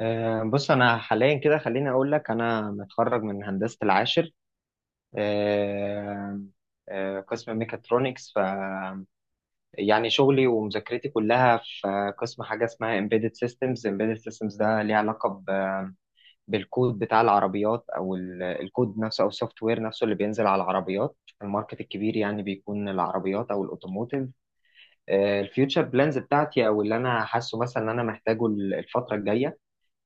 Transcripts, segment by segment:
بص انا حاليا كده خليني اقول لك انا متخرج من هندسه العاشر، آه، قسم ميكاترونكس. يعني شغلي ومذاكرتي كلها في قسم حاجه اسمها embedded systems ده ليه علاقه بالكود بتاع العربيات، او الكود نفسه، او السوفت وير نفسه اللي بينزل على العربيات. الماركت الكبير يعني بيكون العربيات او الاوتوموتيف. الفيوتشر بلانز بتاعتي او اللي انا حاسه مثلا ان انا محتاجه الفتره الجايه،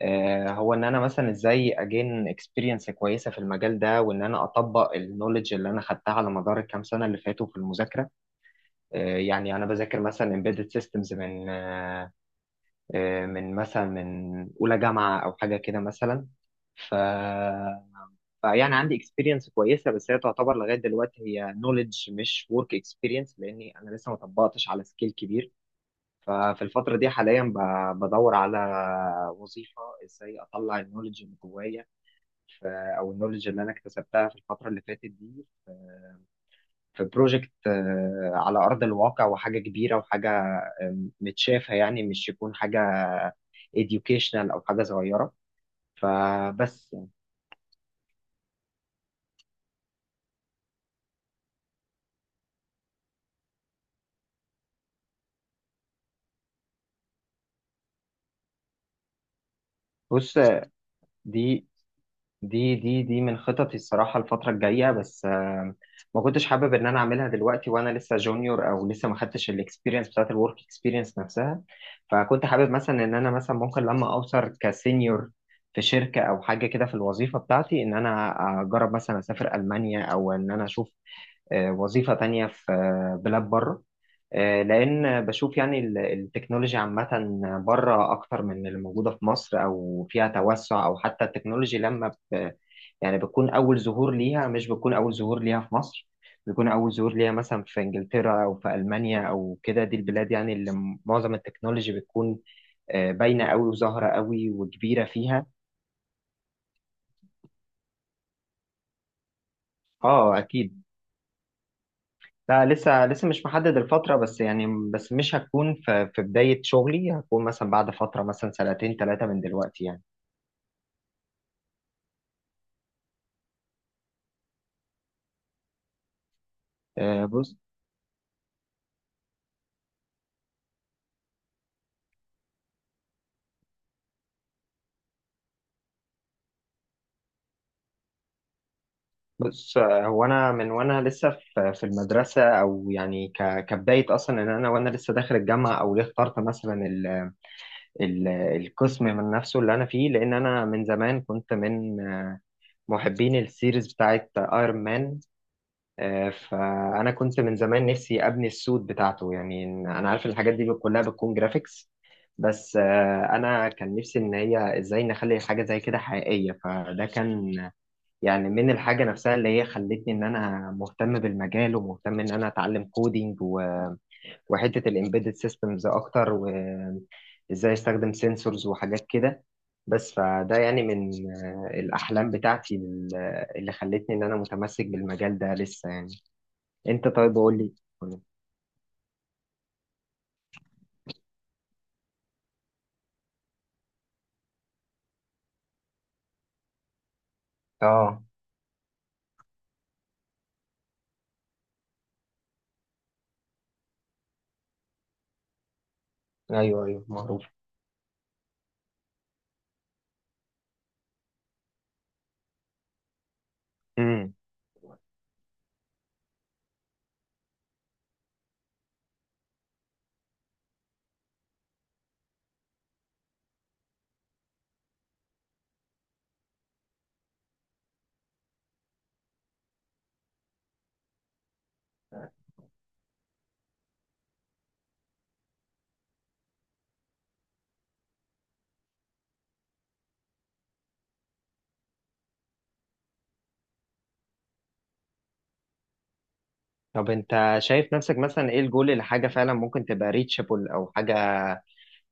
هو ان انا مثلا ازاي اجين اكسبيرينس كويسه في المجال ده، وان انا اطبق النولج اللي انا خدتها على مدار الكام سنه اللي فاتوا في المذاكره. يعني انا بذاكر مثلا embedded systems من من مثلا من اولى جامعه او حاجه كده مثلا، ف فيعني عندي اكسبيرينس كويسه، بس هي تعتبر لغايه دلوقتي هي نولج مش ورك اكسبيرينس، لاني انا لسه ما طبقتش على سكيل كبير. ففي الفتره دي حاليا بدور على وظيفه، ازاي اطلع النولج اللي جوايا، او النولج اللي انا اكتسبتها في الفتره اللي فاتت دي، في بروجكت على ارض الواقع، وحاجه كبيره، وحاجه متشافه، يعني مش يكون حاجه educational او حاجه صغيره. فبس يعني. بص، دي دي من خططي الصراحة الفترة الجاية، بس ما كنتش حابب ان انا اعملها دلوقتي وانا لسه جونيور، او لسه ما خدتش الاكسبيرينس بتاعت الورك اكسبيرينس نفسها. فكنت حابب مثلا ان انا مثلا ممكن لما اوصل كسينيور في شركة او حاجة كده في الوظيفة بتاعتي، ان انا اجرب مثلا اسافر المانيا، او ان انا اشوف وظيفة تانية في بلاد بره. لان بشوف يعني التكنولوجيا عامه بره اكتر من اللي موجوده في مصر، او فيها توسع، او حتى التكنولوجيا لما يعني بتكون أول ظهور ليها، مش بتكون أول ظهور ليها في مصر. بيكون أول ظهور ليها مثلا في إنجلترا، أو في ألمانيا، أو كده. دي البلاد يعني اللي معظم التكنولوجي بتكون باينة أوي، وظاهرة أوي، وكبيرة فيها. أه، أكيد. لا، لسه مش محدد الفترة بس يعني. بس مش هتكون في بداية شغلي، هتكون مثلا بعد فترة مثلا سنتين ثلاثة من دلوقتي يعني. آه، بص بص، هو انا من وانا لسه في المدرسه، او يعني كبدايه اصلا ان انا وانا لسه داخل الجامعه، او ليه اخترت مثلا القسم من نفسه اللي انا فيه، لان انا من زمان كنت من محبين السيريز بتاعت ايرون مان. فانا كنت من زمان نفسي ابني السوت بتاعته، يعني انا عارف إن الحاجات دي كلها بتكون جرافيكس. بس، انا كان نفسي ان هي ازاي نخلي حاجه زي كده حقيقيه، فده كان يعني من الحاجه نفسها اللي هي خلتني ان انا مهتم بالمجال، ومهتم ان انا اتعلم كودينج، وحته الامبيدد سيستمز اكتر، وازاي استخدم سنسورز وحاجات كده. بس فده يعني من الاحلام بتاعتي اللي خلتني ان انا متمسك بالمجال ده لسه يعني. انت، طيب، قول لي. اه. ايوه، ايوه، معروف. امم. طب انت شايف نفسك مثلا ايه الجول لحاجه فعلا ممكن تبقى ريتشابل او حاجه؟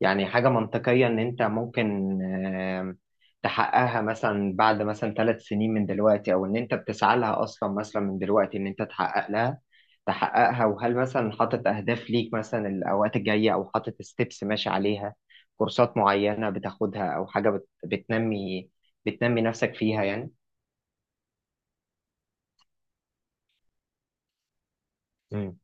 يعني حاجة منطقية إن أنت ممكن آم، تحققها مثلا بعد مثلا 3 سنين من دلوقتي، أو إن أنت بتسعى لها أصلا مثلا من دلوقتي إن أنت تحقق لها، تحققها. وهل مثلا حاطط أهداف ليك مثلا الأوقات الجاية، أو حاطط ستيبس ماشي عليها، كورسات معينة بتاخدها، أو حاجة بتنمي نفسك فيها يعني. مم.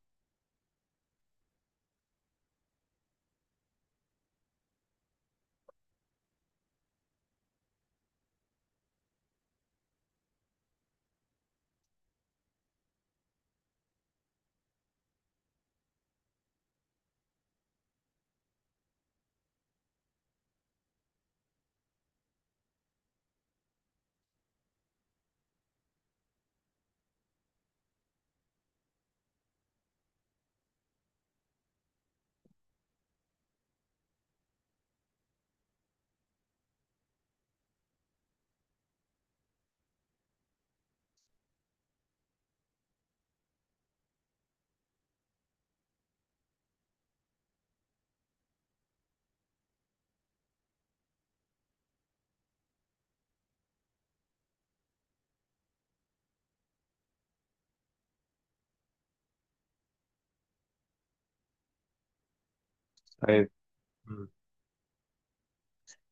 طيب.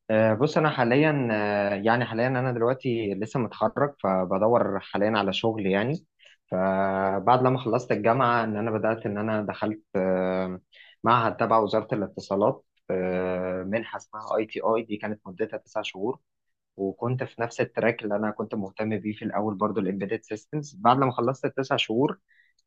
بص انا حاليا يعني حاليا انا دلوقتي لسه متخرج، فبدور حاليا على شغل يعني. فبعد لما خلصت الجامعه ان انا بدات ان انا دخلت معهد تبع وزاره الاتصالات. منحه اسمها ITIDA كانت مدتها 9 شهور، وكنت في نفس التراك اللي انا كنت مهتم بيه في الاول برضو الامبيدد سيستمز. بعد لما خلصت الـ9 شهور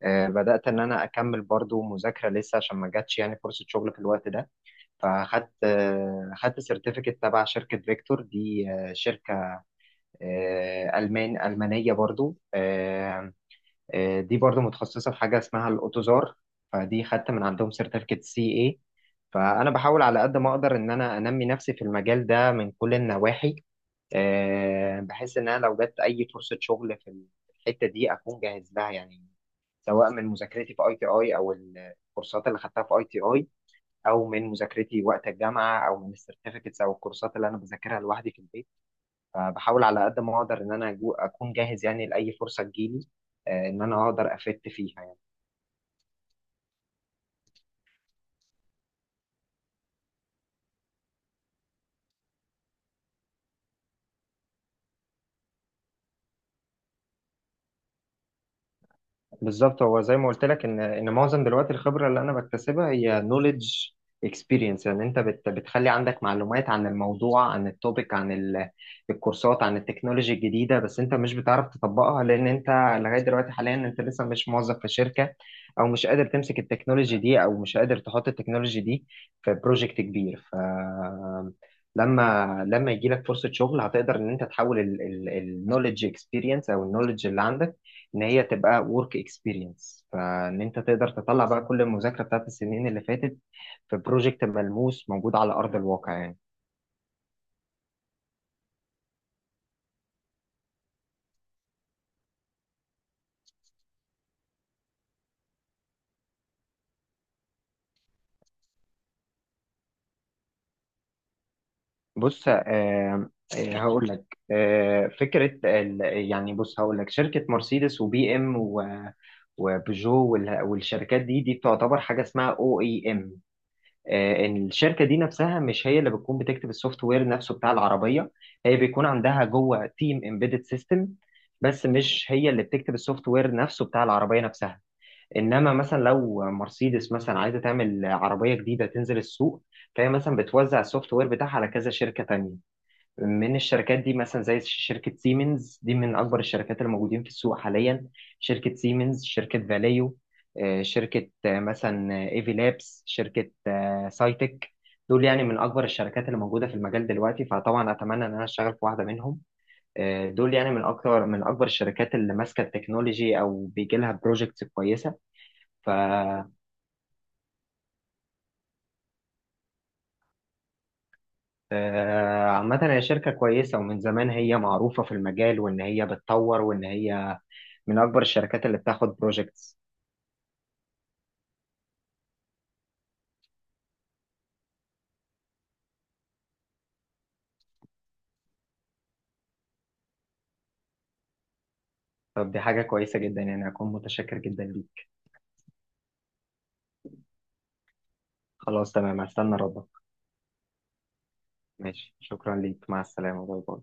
بدات ان انا اكمل برضو مذاكره لسه، عشان ما جاتش يعني فرصه شغل في الوقت ده. فاخدت آه، خدت سيرتيفيكت تبع شركة فيكتور. دي شركة ألمانية برضو. دي برضو متخصصة في حاجة اسمها الأوتوزار، فدي خدت من عندهم سيرتيفيكت CA. فأنا بحاول على قد ما أقدر إن أنا أنمي نفسي في المجال ده من كل النواحي، بحيث إن أنا لو جت أي فرصة شغل في الحتة دي أكون جاهز لها يعني. سواء من مذاكرتي في ITI، او الكورسات اللي خدتها في ITI، او من مذاكرتي وقت الجامعه، او من السيرتيفيكتس، او الكورسات اللي انا بذاكرها لوحدي في البيت. فبحاول على قد ما اقدر ان انا اكون جاهز يعني لاي فرصه تجيلي، ان انا اقدر افت فيها يعني. بالظبط، هو زي ما قلت لك ان معظم دلوقتي الخبره اللي انا بكتسبها هي نوليدج اكسبيرينس، يعني انت بتخلي عندك معلومات عن الموضوع، عن التوبيك، عن الكورسات، عن التكنولوجي الجديده، بس انت مش بتعرف تطبقها، لان انت لغايه دلوقتي حاليا انت لسه مش موظف في شركه، او مش قادر تمسك التكنولوجي دي، او مش قادر تحط التكنولوجي دي في بروجكت كبير. لما يجي لك فرصه شغل، هتقدر ان انت تحول النوليدج اكسبيرينس او النوليدج اللي عندك ان هي تبقى ورك اكسبيرينس، فان انت تقدر تطلع بقى كل المذاكره بتاعت السنين اللي فاتت في بروجكت ملموس موجود على ارض الواقع يعني. بص. هقول لك فكره يعني بص، هقول لك شركه مرسيدس وبي ام و وبيجو والشركات دي بتعتبر حاجه اسمها OEM. ان الشركه دي نفسها مش هي اللي بتكون بتكتب السوفت وير نفسه بتاع العربيه، هي بيكون عندها جوه تيم امبيدد سيستم، بس مش هي اللي بتكتب السوفت وير نفسه بتاع العربيه نفسها. انما مثلا لو مرسيدس مثلا عايزه تعمل عربيه جديده تنزل السوق، فهي مثلا بتوزع السوفت وير بتاعها على كذا شركه تانية من الشركات دي، مثلا زي شركة سيمنز. دي من أكبر الشركات اللي موجودين في السوق حاليا. شركة سيمنز، شركة فاليو، شركة مثلا ايفي لابس، شركة سايتك. دول يعني من أكبر الشركات اللي موجودة في المجال دلوقتي، فطبعا أتمنى إن أنا أشتغل في واحدة منهم. دول يعني من أكتر، من أكبر الشركات اللي ماسكة التكنولوجي أو بيجي لها بروجكتس كويسة. ف عامة هي شركة كويسة، ومن زمان هي معروفة في المجال، وإن هي بتطور، وإن هي من أكبر الشركات اللي بتاخد بروجيكتس. طب دي حاجة كويسة جدا، يعني أكون متشكر جدا ليك. خلاص، تمام، هستنى ردك. ماشي، شكرا ليك، مع السلامة، باي باي.